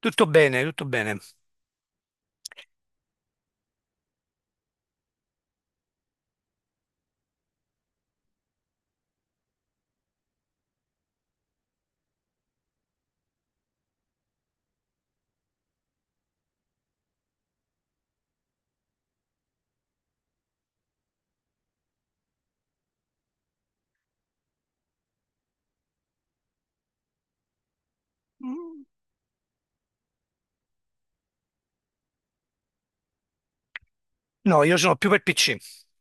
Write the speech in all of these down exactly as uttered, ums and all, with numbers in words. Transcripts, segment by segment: Tutto bene, tutto bene. Mm. No, io sono più per P C.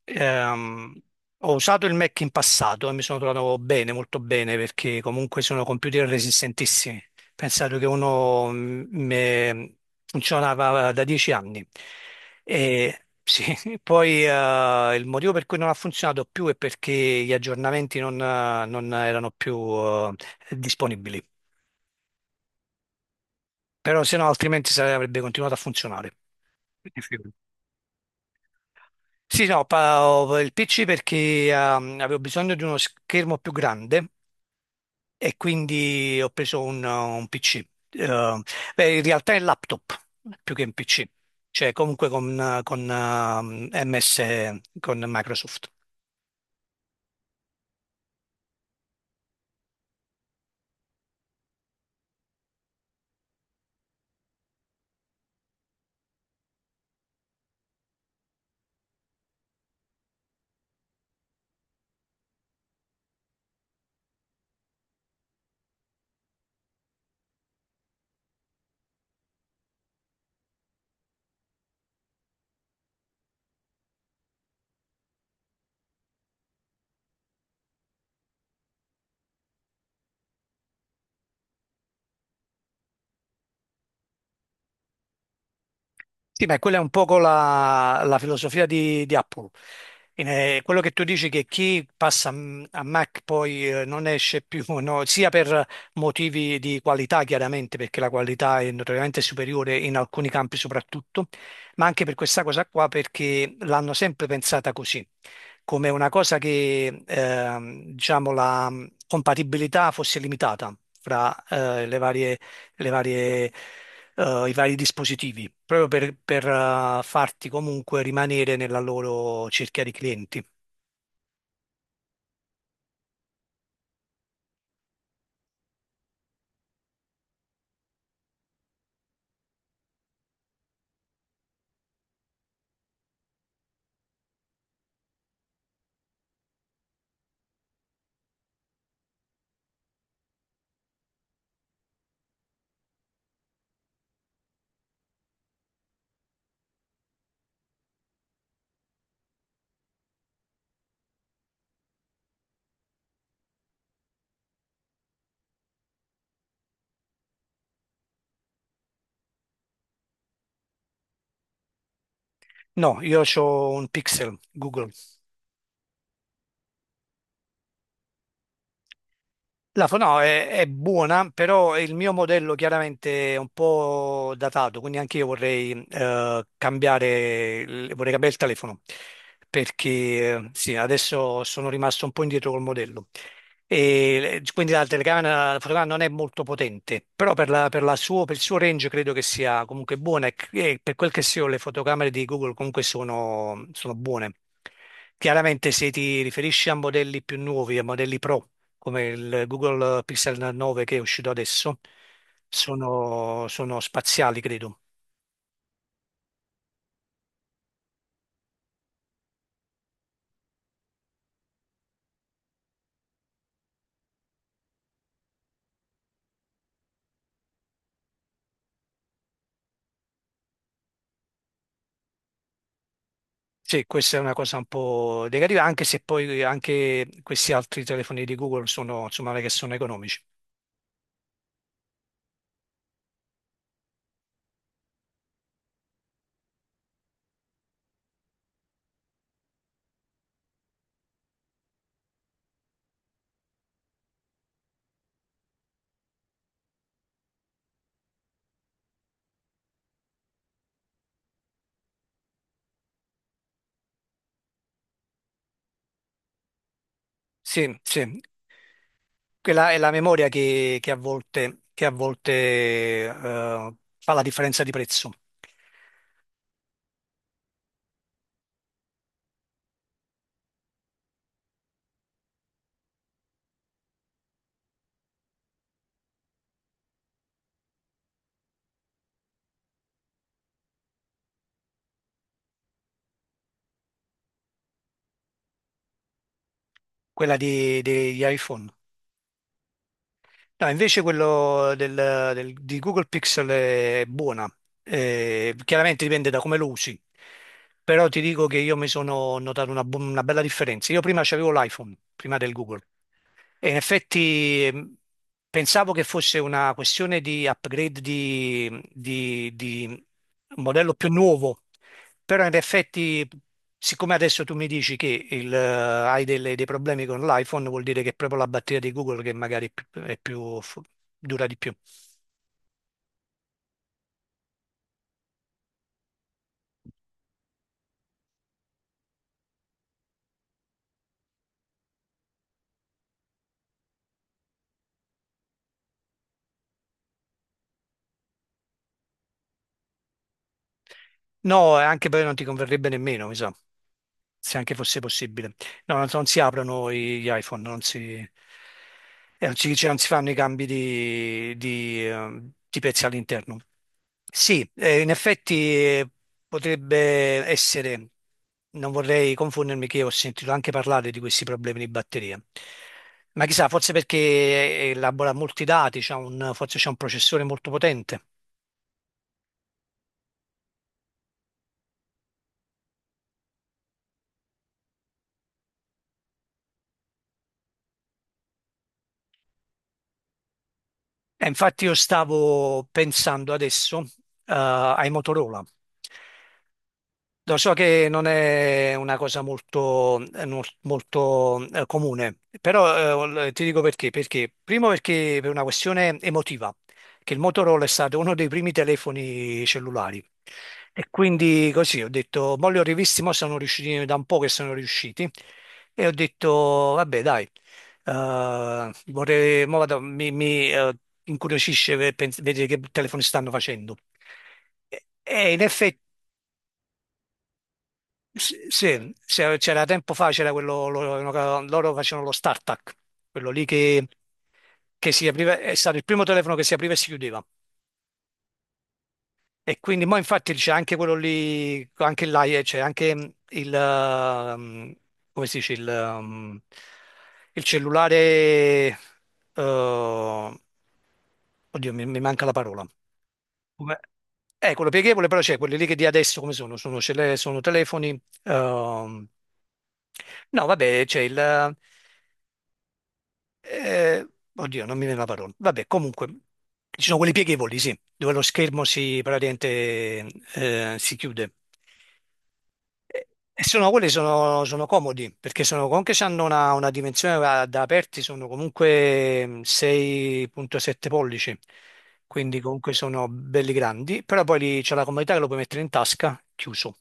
Ehm, ho usato il Mac in passato e mi sono trovato bene, molto bene, perché comunque sono computer resistentissimi. Pensate che uno mm, me- funzionava da dieci anni. E sì, poi eh, il motivo per cui non ha funzionato più è perché gli aggiornamenti non, eh, non erano più eh, disponibili. Però se no, altrimenti sare- avrebbe continuato a funzionare. Sì, no, pa- ho il P C perché ehm, avevo bisogno di uno schermo più grande e quindi ho preso un, un P C. Eh, beh, in realtà è un laptop più che un P C, cioè comunque con, con ehm, M S, con Microsoft. Sì, ma quella è un poco la, la filosofia di, di Apple. In, eh, quello che tu dici che chi passa m- a Mac poi eh, non esce più, no, sia per motivi di qualità, chiaramente, perché la qualità è notoriamente superiore in alcuni campi soprattutto, ma anche per questa cosa qua, perché l'hanno sempre pensata così, come una cosa che, ehm, diciamo, la mh, compatibilità fosse limitata fra eh, le varie le varie, eh, i vari dispositivi, proprio per, per, eh, farti comunque rimanere nella loro cerchia di clienti. No, io ho un Pixel Google. La fo- no, è, è buona, però il mio modello chiaramente è un po' datato, quindi anche io vorrei, eh, cambiare, il- vorrei cambiare il telefono, perché eh, sì, adesso sono rimasto un po' indietro col modello. E le- quindi la telecamera la fotocamera non è molto potente, però per, la- per la suo- per il suo range credo che sia comunque buona e, e per quel che sia le fotocamere di Google comunque sono, sono buone. Chiaramente se ti riferisci a modelli più nuovi, a modelli pro, come il Google Pixel nove che è uscito adesso, sono, sono spaziali credo. Sì, questa è una cosa un po' negativa, anche se poi anche questi altri telefoni di Google sono, insomma, che sono economici. Sì, sì. Quella è la memoria che, che a volte, che a volte, eh, fa la differenza di prezzo, quella di- degli iPhone. No, invece quello del- del- di Google Pixel è buona. Eh, chiaramente dipende da come lo usi, però ti dico che io mi sono notato una, bu- una bella differenza. Io prima avevo l'iPhone, prima del Google, e in effetti ehm, pensavo che fosse una questione di upgrade di, di- di un modello più nuovo, però in effetti, siccome adesso tu mi dici che il, eh, hai delle- dei problemi con l'iPhone, vuol dire che è proprio la batteria di Google che magari è più, è più fu- dura di più. No, eh, anche poi non ti converrebbe nemmeno, mi sa, se anche fosse possibile. No, non so, non si aprono i- gli iPhone, non si, eh, non si, cioè, non si fanno i cambi di, di, eh, di pezzi all'interno. Sì, eh, in effetti eh, potrebbe essere, non vorrei confondermi che ho sentito anche parlare di questi problemi di batteria, ma chissà, forse perché elabora molti dati, c'ha un- forse c'è un processore molto potente. Eh, infatti io stavo pensando adesso, eh, ai Motorola. Lo so che non è una cosa molto, eh, no- molto, eh, comune, però eh, l- ti dico perché. Perché? Primo perché per una questione emotiva, che il Motorola è stato uno dei primi telefoni cellulari. E quindi così ho detto, mo li ho rivisti, mo sono riusciti da un po' che sono riusciti. E ho detto, vabbè, dai, eh, vorrei, mo vado- mi, mi, eh, incuriosisce ve- pens- vedere che telefoni stanno facendo. E, e, in effetti, s- sì, se- c'era tempo fa, c'era quello, loro, loro facevano lo startup, quello lì che, che, si apriva, è stato il primo telefono che si apriva e si chiudeva. E quindi, mo infatti c'è anche quello lì, anche là, eh, c'è anche mh, il, ehm, come si dice, il, ehm, il cellulare, eh, oddio, mi, mi manca la parola. Come- Eh, quello pieghevole, però c'è quelli lì che di adesso come sono? Sono, cele- sono telefoni, ehm, no, vabbè, c'è il, eh, oddio, non mi viene la parola. Vabbè, comunque, ci sono quelli pieghevoli, sì, dove lo schermo si praticamente eh, si chiude. E e sono, quelli sono, sono comodi, perché sono, anche se hanno una, una dimensione da, da aperti, sono comunque mm, sei virgola sette pollici, quindi comunque sono belli grandi, però poi lì c'è la comodità che lo puoi mettere in tasca, chiuso.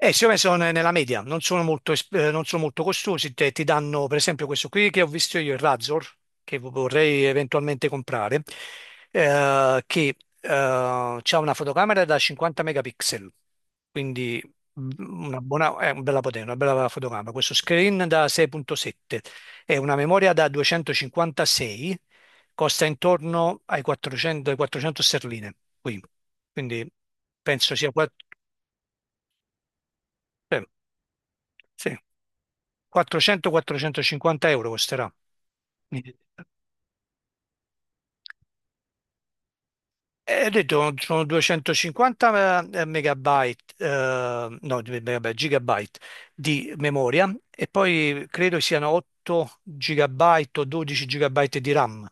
Eh, secondo me sono ne- nella media, non sono molto, es- eh, non sono molto costosi, te- ti danno per esempio questo qui che ho visto io, il Razor, che vo- vorrei eventualmente comprare, eh, che ha una fotocamera da cinquanta megapixel, quindi mm, una buona, è una bella potenza, una bella fotocamera, questo screen da sei virgola sette e una memoria da duecentocinquantasei, costa intorno ai quattrocento, ai quattrocento sterline qui, quindi penso sia quatt- eh, sì. quattrocento-quattrocentocinquanta euro costerà. E ho detto sono duecentocinquanta megabyte, eh, no, di- megabyte, gigabyte di memoria e poi credo siano otto gigabyte o dodici gigabyte di RAM.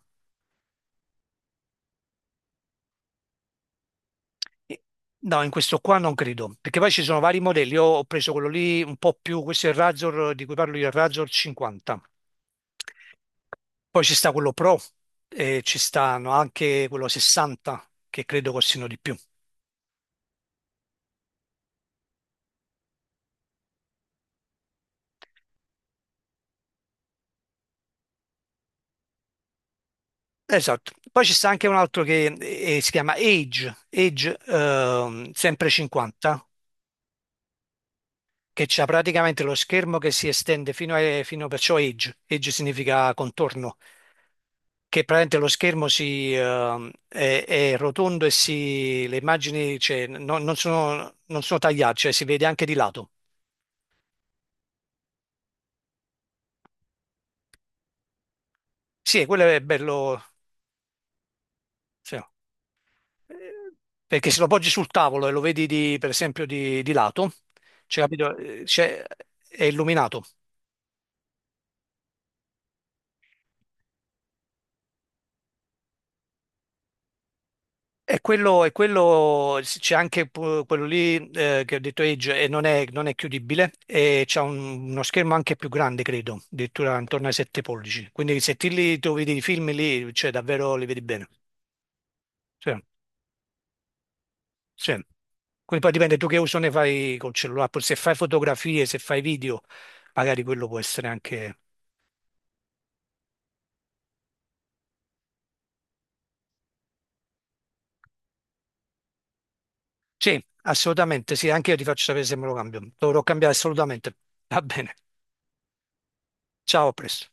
E- No, in questo qua non credo, perché poi ci sono vari modelli. Io ho preso quello lì un po' più, questo è il Razor di cui parlo io, il Razor cinquanta. Poi ci sta quello Pro e ci stanno anche quello sessanta che credo costino di più. Esatto, poi ci sta anche un altro che eh, eh, si chiama Age, Age ehm, sempre cinquanta, che c'ha praticamente lo schermo che si estende fino a, fino- perciò Age, Age significa contorno, che praticamente lo schermo si, ehm, è, è rotondo e si, le immagini cioè, no- non sono, non sono tagliate, cioè si vede anche di lato. Sì, e quello è bello, sì. Eh, perché se lo poggi sul tavolo e lo vedi di- per esempio di, di lato, cioè, capito, eh, c'è- è illuminato. E quello, e quello s- c'è anche pu- quello lì eh, che ho detto Edge e non è, non è chiudibile e c'è un- uno schermo anche più grande, credo, addirittura intorno ai sette pollici. Quindi se ti li tu vedi i film lì, cioè davvero li vedi bene. Sì, sì. Quindi poi dipende tu che uso ne fai col cellulare, poi se fai fotografie, se fai video, magari quello può essere anche... Sì, assolutamente, sì, anche io ti faccio sapere se me lo cambio. Dovrò cambiare assolutamente. Va bene, ciao, a presto.